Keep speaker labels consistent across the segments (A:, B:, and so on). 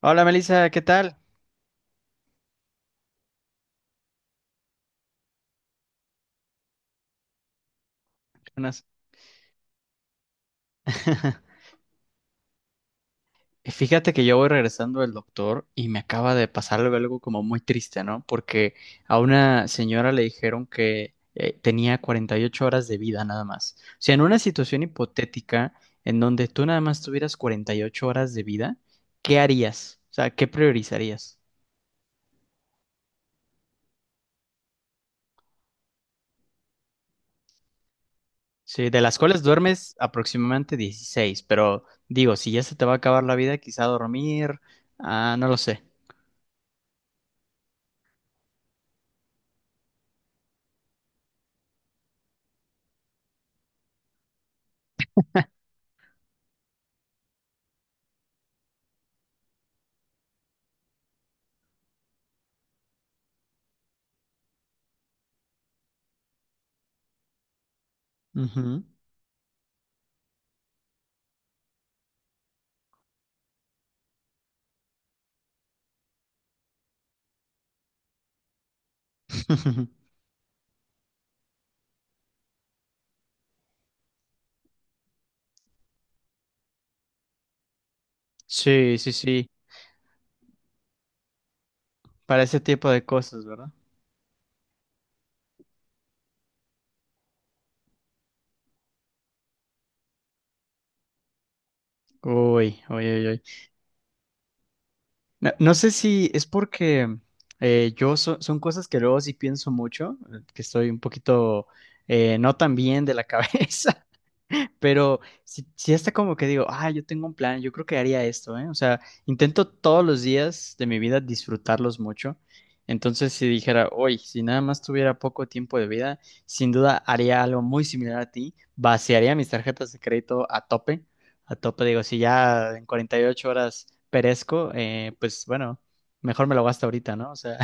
A: Hola Melissa, ¿qué tal? Buenas. Fíjate que yo voy regresando del doctor y me acaba de pasar algo como muy triste, ¿no? Porque a una señora le dijeron que tenía 48 horas de vida nada más. O sea, en una situación hipotética en donde tú nada más tuvieras 48 horas de vida, ¿qué harías? O sea, ¿qué priorizarías? Sí, de las cuales duermes aproximadamente 16, pero digo, si ya se te va a acabar la vida, quizá dormir, ah, no lo sé. Ujú. Sí, sí, sí, para ese tipo de cosas, ¿verdad? Uy, uy, uy, uy. No, no sé si es porque son cosas que luego sí pienso mucho, que estoy un poquito no tan bien de la cabeza, pero si si hasta como que digo, ah, yo tengo un plan, yo creo que haría esto, ¿eh? O sea, intento todos los días de mi vida disfrutarlos mucho. Entonces, si dijera, hoy, si nada más tuviera poco tiempo de vida, sin duda haría algo muy similar a ti, vaciaría mis tarjetas de crédito a tope, digo, si ya en 48 horas perezco, pues bueno, mejor me lo gasto ahorita, ¿no? O sea,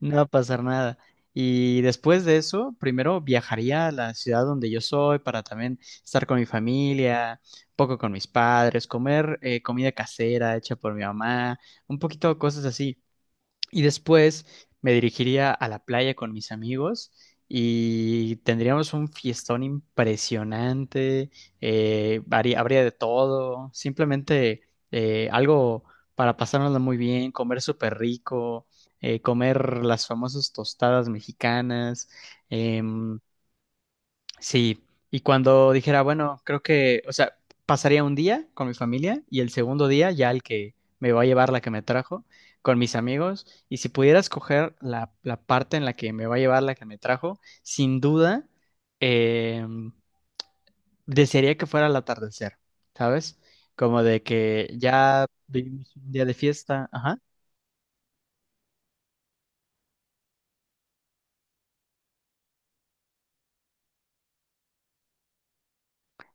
A: no va a pasar nada. Y después de eso, primero viajaría a la ciudad donde yo soy para también estar con mi familia, un poco con mis padres, comer comida casera hecha por mi mamá, un poquito cosas así. Y después me dirigiría a la playa con mis amigos y tendríamos un fiestón impresionante, habría de todo, simplemente algo para pasárnoslo muy bien, comer súper rico, comer las famosas tostadas mexicanas. em, Sí, y cuando dijera, bueno, creo que, o sea, pasaría un día con mi familia y el segundo día ya el que me va a llevar la que me trajo, con mis amigos, y si pudiera escoger la parte en la que me va a llevar la que me trajo, sin duda, eh, desearía que fuera al atardecer, ¿sabes? Como de que ya vivimos un día de fiesta, ajá.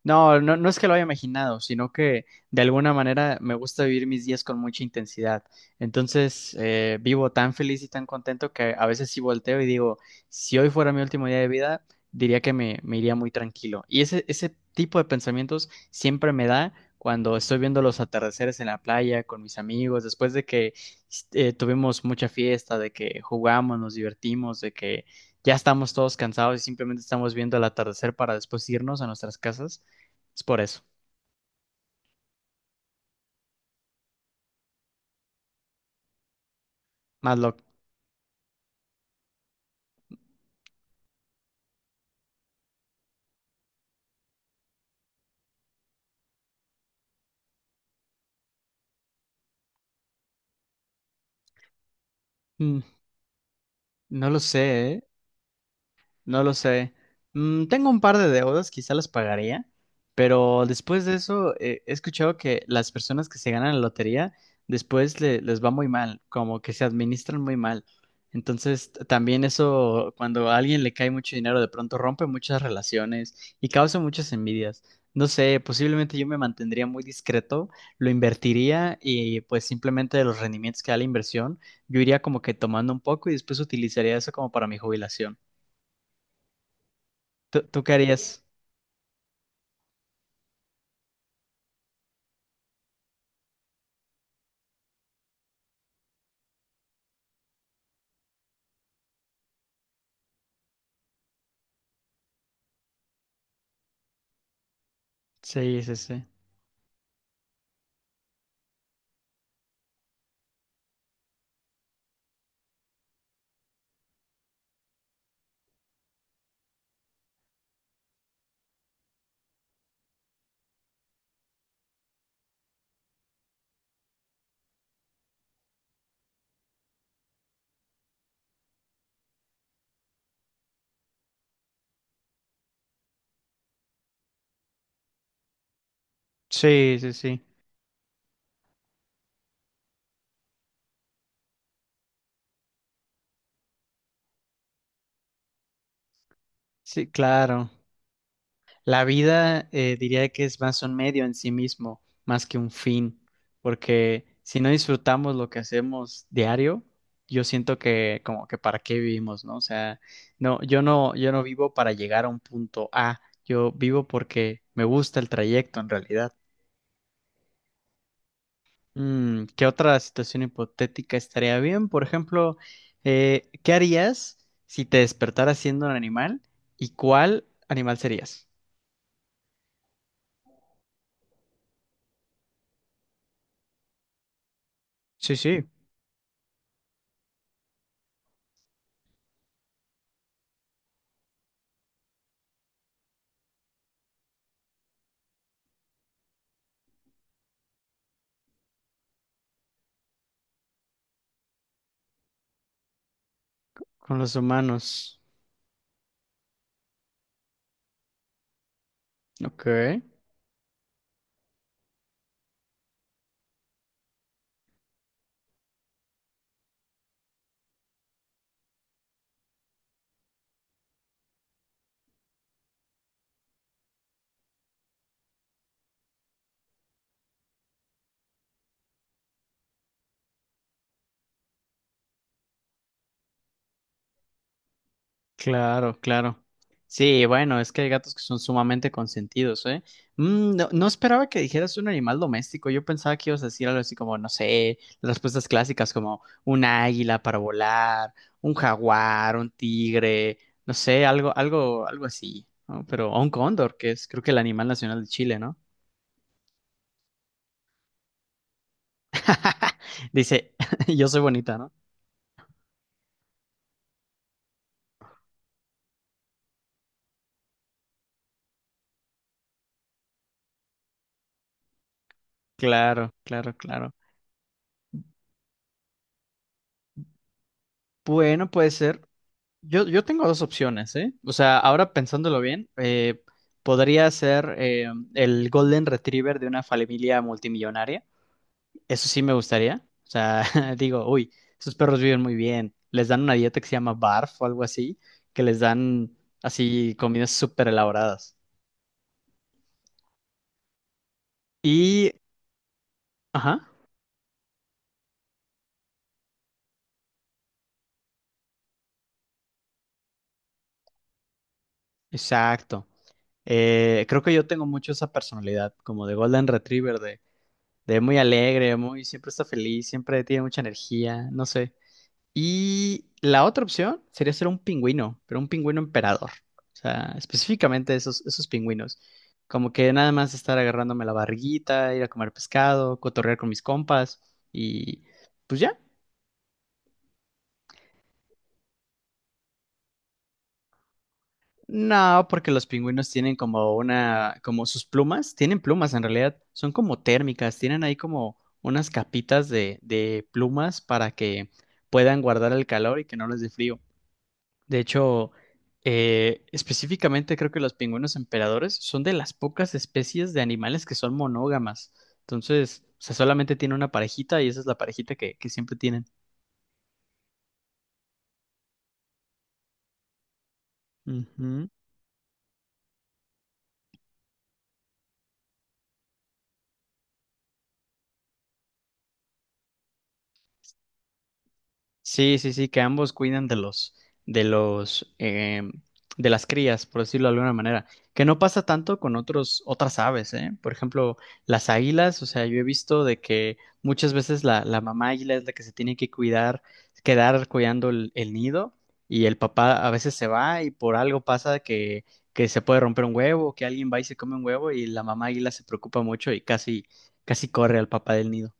A: No, no, no es que lo haya imaginado, sino que de alguna manera me gusta vivir mis días con mucha intensidad. Entonces, vivo tan feliz y tan contento que a veces sí volteo y digo, si hoy fuera mi último día de vida, diría que me iría muy tranquilo. Y ese tipo de pensamientos siempre me da cuando estoy viendo los atardeceres en la playa con mis amigos, después de que tuvimos mucha fiesta, de que jugamos, nos divertimos, de que ya estamos todos cansados y simplemente estamos viendo el atardecer para después irnos a nuestras casas. Es por eso. Más lo. Mm, No lo sé, ¿eh? No lo sé. Tengo un par de deudas, quizá las pagaría, pero después de eso he escuchado que las personas que se ganan la lotería después les va muy mal, como que se administran muy mal. Entonces, también eso, cuando a alguien le cae mucho dinero, de pronto rompe muchas relaciones y causa muchas envidias. No sé, posiblemente yo me mantendría muy discreto, lo invertiría y pues simplemente de los rendimientos que da la inversión, yo iría como que tomando un poco y después utilizaría eso como para mi jubilación. ¿Tú qué harías? Sí, sí, sí. Sí, sí, sí. Sí, claro. La vida diría que es más un medio en sí mismo, más que un fin, porque si no disfrutamos lo que hacemos diario, yo siento que como que para qué vivimos, ¿no? O sea, no, yo no, vivo para llegar a un punto A, yo vivo porque me gusta el trayecto en realidad. ¿Qué otra situación hipotética estaría bien? Por ejemplo, ¿qué harías si te despertaras siendo un animal? ¿Y cuál animal serías? Sí, sí. ¿Con los humanos? Ok. Claro, claro. Sí, bueno, es que hay gatos que son sumamente consentidos, ¿eh? No, no esperaba que dijeras un animal doméstico. Yo pensaba que ibas a decir algo así como, no sé, las respuestas clásicas como un águila para volar, un jaguar, un tigre, no sé, algo, algo, algo así, ¿no? Pero o un cóndor, que es creo que el animal nacional de Chile, ¿no? Dice, yo soy bonita, ¿no? Claro, claro, claro. Bueno, puede ser. Yo tengo dos opciones, ¿eh? O sea, ahora pensándolo bien, podría ser el Golden Retriever de una familia multimillonaria. Eso sí me gustaría. O sea, digo, uy, esos perros viven muy bien. Les dan una dieta que se llama BARF o algo así, que les dan así comidas súper elaboradas. Y, ajá, exacto. Creo que yo tengo mucho esa personalidad, como de Golden Retriever, de, muy alegre, muy, siempre está feliz, siempre tiene mucha energía, no sé. Y la otra opción sería ser un pingüino, pero un pingüino emperador. O sea, específicamente esos pingüinos. Como que nada más estar agarrándome la barriguita, ir a comer pescado, cotorrear con mis compas y pues ya. No, porque los pingüinos tienen como una, como sus plumas, tienen plumas en realidad, son como térmicas, tienen ahí como unas capitas de plumas para que puedan guardar el calor y que no les dé frío. De hecho, específicamente creo que los pingüinos emperadores son de las pocas especies de animales que son monógamas. Entonces, o sea, solamente tiene una parejita y esa es la parejita que siempre tienen. Ujú. Sí, sí, sí, que ambos cuidan de los, de los, em, de las crías, por decirlo de alguna manera, que no pasa tanto con otros, otras aves, ¿eh? Por ejemplo, las águilas, o sea, yo he visto de que muchas veces la mamá águila es la que se tiene que cuidar, quedar cuidando el nido y el papá a veces se va y por algo pasa que se puede romper un huevo, que alguien va y se come un huevo y la mamá águila se preocupa mucho y casi, casi corre al papá del nido.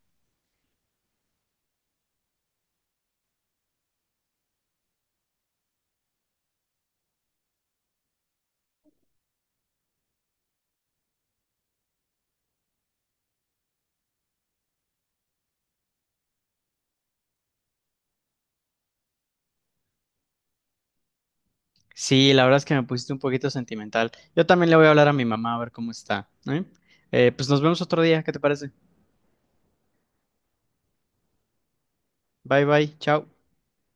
A: Sí, la verdad es que me pusiste un poquito sentimental. Yo también le voy a hablar a mi mamá a ver cómo está, ¿eh? Pues nos vemos otro día, ¿qué te parece? Bye bye, chao.